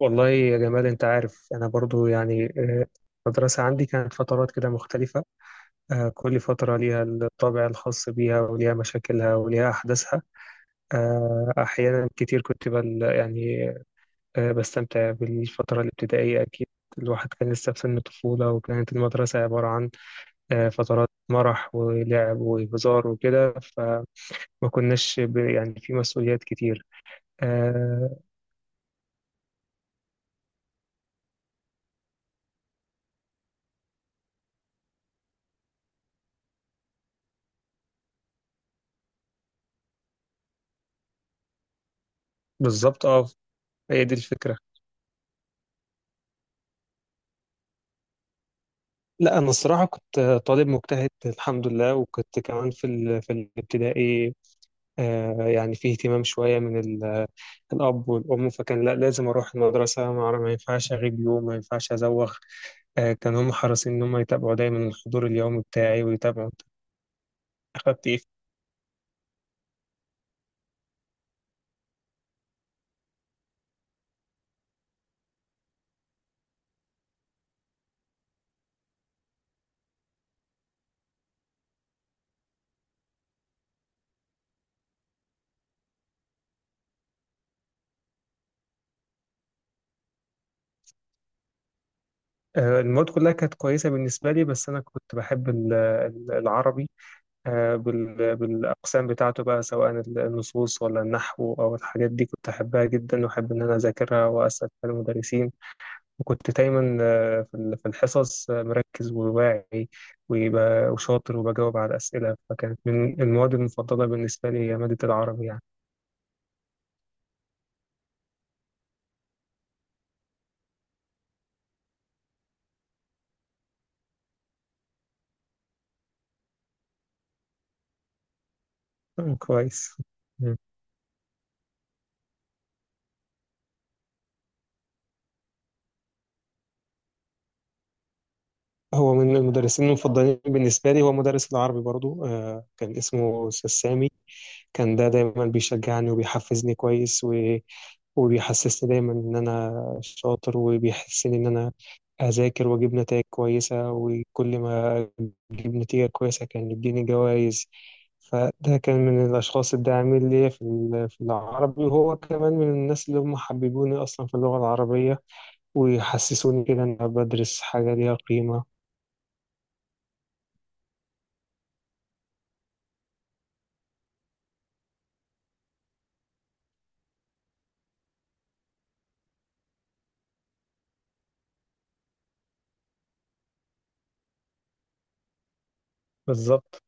والله يا جمال، انت عارف، انا برضو يعني المدرسة عندي كانت فترات كده مختلفة. كل فترة ليها الطابع الخاص بيها وليها مشاكلها وليها أحداثها. أحيانا كتير كنت يعني بستمتع بالفترة الابتدائية أكيد. الواحد كان لسه في سن الطفولة، وكانت المدرسة عبارة عن فترات مرح ولعب وهزار وكده، فما كناش يعني في مسؤوليات كتير. آه، بالظبط، اه. هي دي الفكرة. لا، انا الصراحه كنت طالب مجتهد الحمد لله، وكنت كمان في الابتدائي. يعني في اهتمام شويه من الاب والام، فكان لا، لازم اروح المدرسه، ما ينفعش اغيب يوم، ما ينفعش ازوغ. كان هم حريصين ان هم يتابعوا دايما الحضور اليومي بتاعي ويتابعوا. اخدت ايه. المواد كلها كانت كويسه بالنسبه لي، بس انا كنت بحب العربي. بالأقسام بتاعته بقى، سواء النصوص ولا النحو أو الحاجات دي، كنت أحبها جدا وأحب إن أنا أذاكرها وأسأل فيها المدرسين. وكنت دايما في الحصص مركز وواعي ويبقى وشاطر وبجاوب على الأسئلة، فكانت من المواد المفضلة بالنسبة لي هي مادة العربي يعني. كويس. مم. هو من المدرسين المفضلين بالنسبة لي هو مدرس العربي برضو. كان اسمه أستاذ سامي. كان ده دايما بيشجعني وبيحفزني كويس، وبيحسسني دايما إن أنا شاطر، وبيحسسني إن أنا أذاكر وأجيب نتائج كويسة، وكل ما أجيب نتيجة كويسة كان يديني جوائز. فده كان من الأشخاص الداعمين ليا في العربي، وهو كمان من الناس اللي هم حببوني أصلا في اللغة العربية، ويحسسوني كده إن أنا بدرس حاجة ليها قيمة. بالظبط.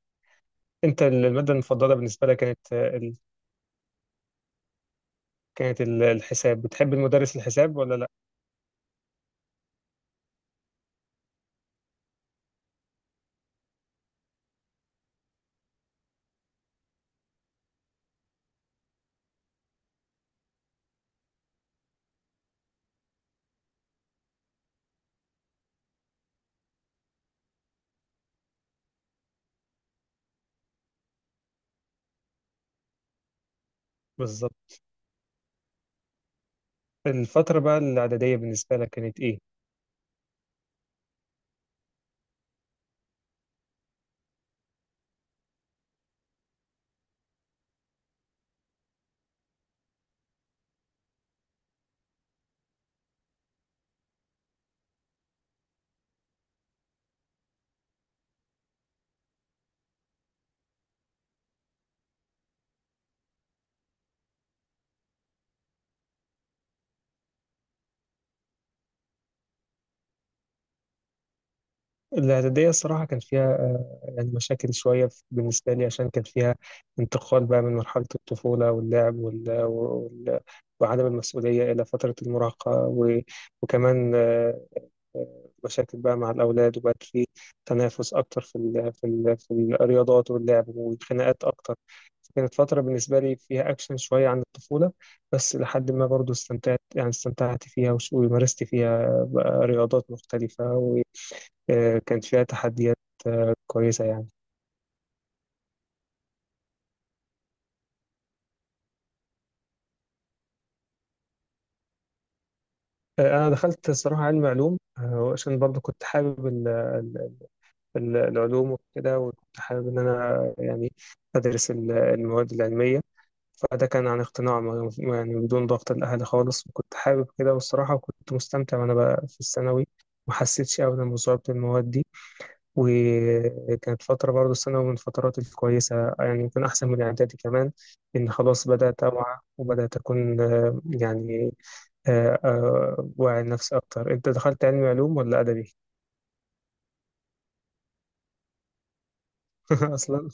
أنت المادة المفضلة بالنسبة لك كانت. كانت الحساب، بتحب المدرس الحساب ولا لأ؟ بالظبط. الفترة بقى الإعدادية بالنسبة لك كانت إيه؟ الاعدادية الصراحة كان فيها يعني مشاكل شوية بالنسبة لي، عشان كان فيها انتقال بقى من مرحلة الطفولة واللعب وعدم المسؤولية إلى فترة المراهقة وكمان مشاكل بقى مع الأولاد، وبقت في تنافس أكتر في الرياضات واللعب والخناقات أكتر. كانت فترة بالنسبة لي فيها أكشن شوية عن الطفولة، بس لحد ما برضو استمتعت، يعني استمتعت فيها ومارست فيها بقى رياضات مختلفة. كانت فيها تحديات كويسة يعني. أنا دخلت الصراحة علم علوم، عشان برضه كنت حابب العلوم وكده، وكنت حابب إن أنا يعني أدرس المواد العلمية. فده كان عن اقتناع، يعني بدون ضغط الأهل خالص، وكنت حابب كده، والصراحة كنت مستمتع وأنا بقى في الثانوي، ما حسيتش أبدا بصعوبة المواد دي. وكانت فترة برضه الثانوي من الفترات الكويسة، يعني يمكن أحسن من الإعدادي كمان، إن خلاص بدأت أوعى وبدأت أكون يعني واعي نفسي أكتر. أنت دخلت علمي علوم ولا أدبي؟ أصلا.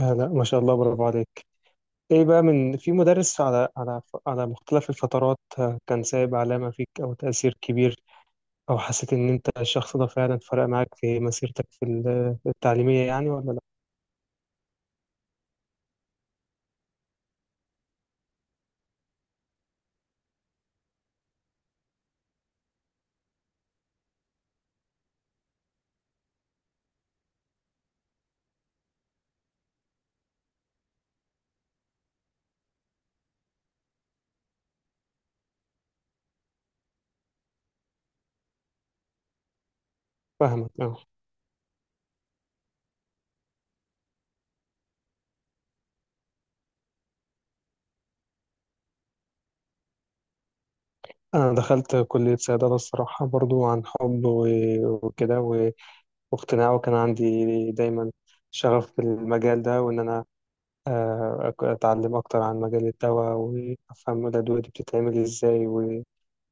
آه، لا، ما شاء الله، برافو عليك. ايه بقى، من في مدرس على على مختلف الفترات كان سايب علامة فيك او تأثير كبير، او حسيت ان انت الشخص ده فعلا فرق معاك في مسيرتك التعليمية يعني، ولا لا؟ فاهمك، اه. انا دخلت كلية صيدلة الصراحة برضو عن حب وكده واقتناع، وكان عندي دايما شغف بالمجال ده، وان انا أتعلم أكتر عن مجال الدواء، وأفهم الأدوية دي بتتعمل إزاي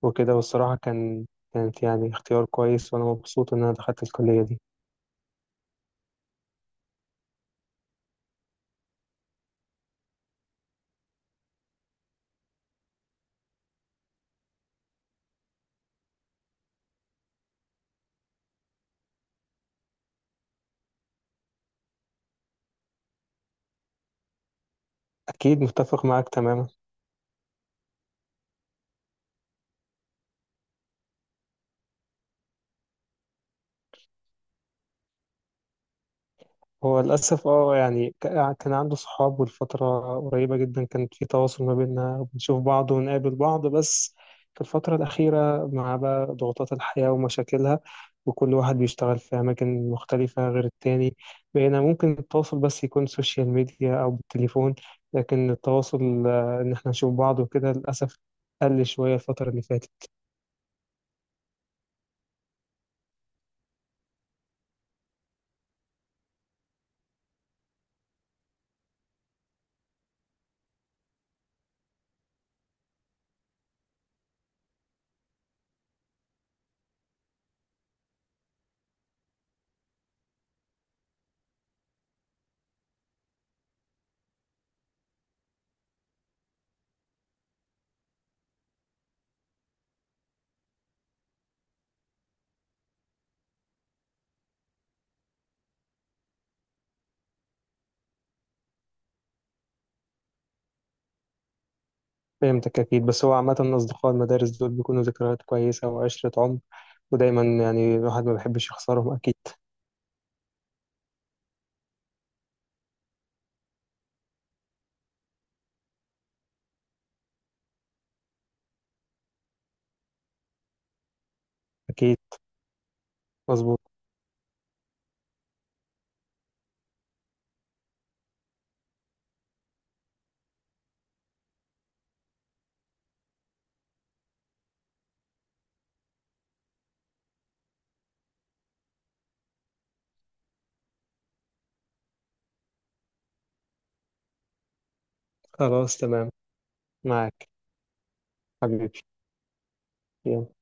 وكده. والصراحة كانت يعني اختيار كويس، وأنا مبسوط إن أنا دخلت الكلية دي. أكيد متفق معاك تماما. هو للأسف، اه، يعني كان عنده صحاب، والفترة قريبة جدا كان في تواصل ما بيننا، بنشوف بعض ونقابل بعض، بس في الفترة الأخيرة مع بقى ضغوطات الحياة ومشاكلها، وكل واحد بيشتغل في أماكن مختلفة غير التاني، بقينا ممكن التواصل بس يكون سوشيال ميديا أو بالتليفون، لكن التواصل إن احنا نشوف بعض وكده للأسف قل شوية الفترة اللي فاتت. فهمتك أكيد، بس هو عامة أصدقاء المدارس دول بيكونوا ذكريات كويسة وعشرة عمر، ودايما يعني الواحد ما بيحبش يخسرهم أكيد. أكيد. مظبوط. خلاص تمام. معاك حبيبي. يلا.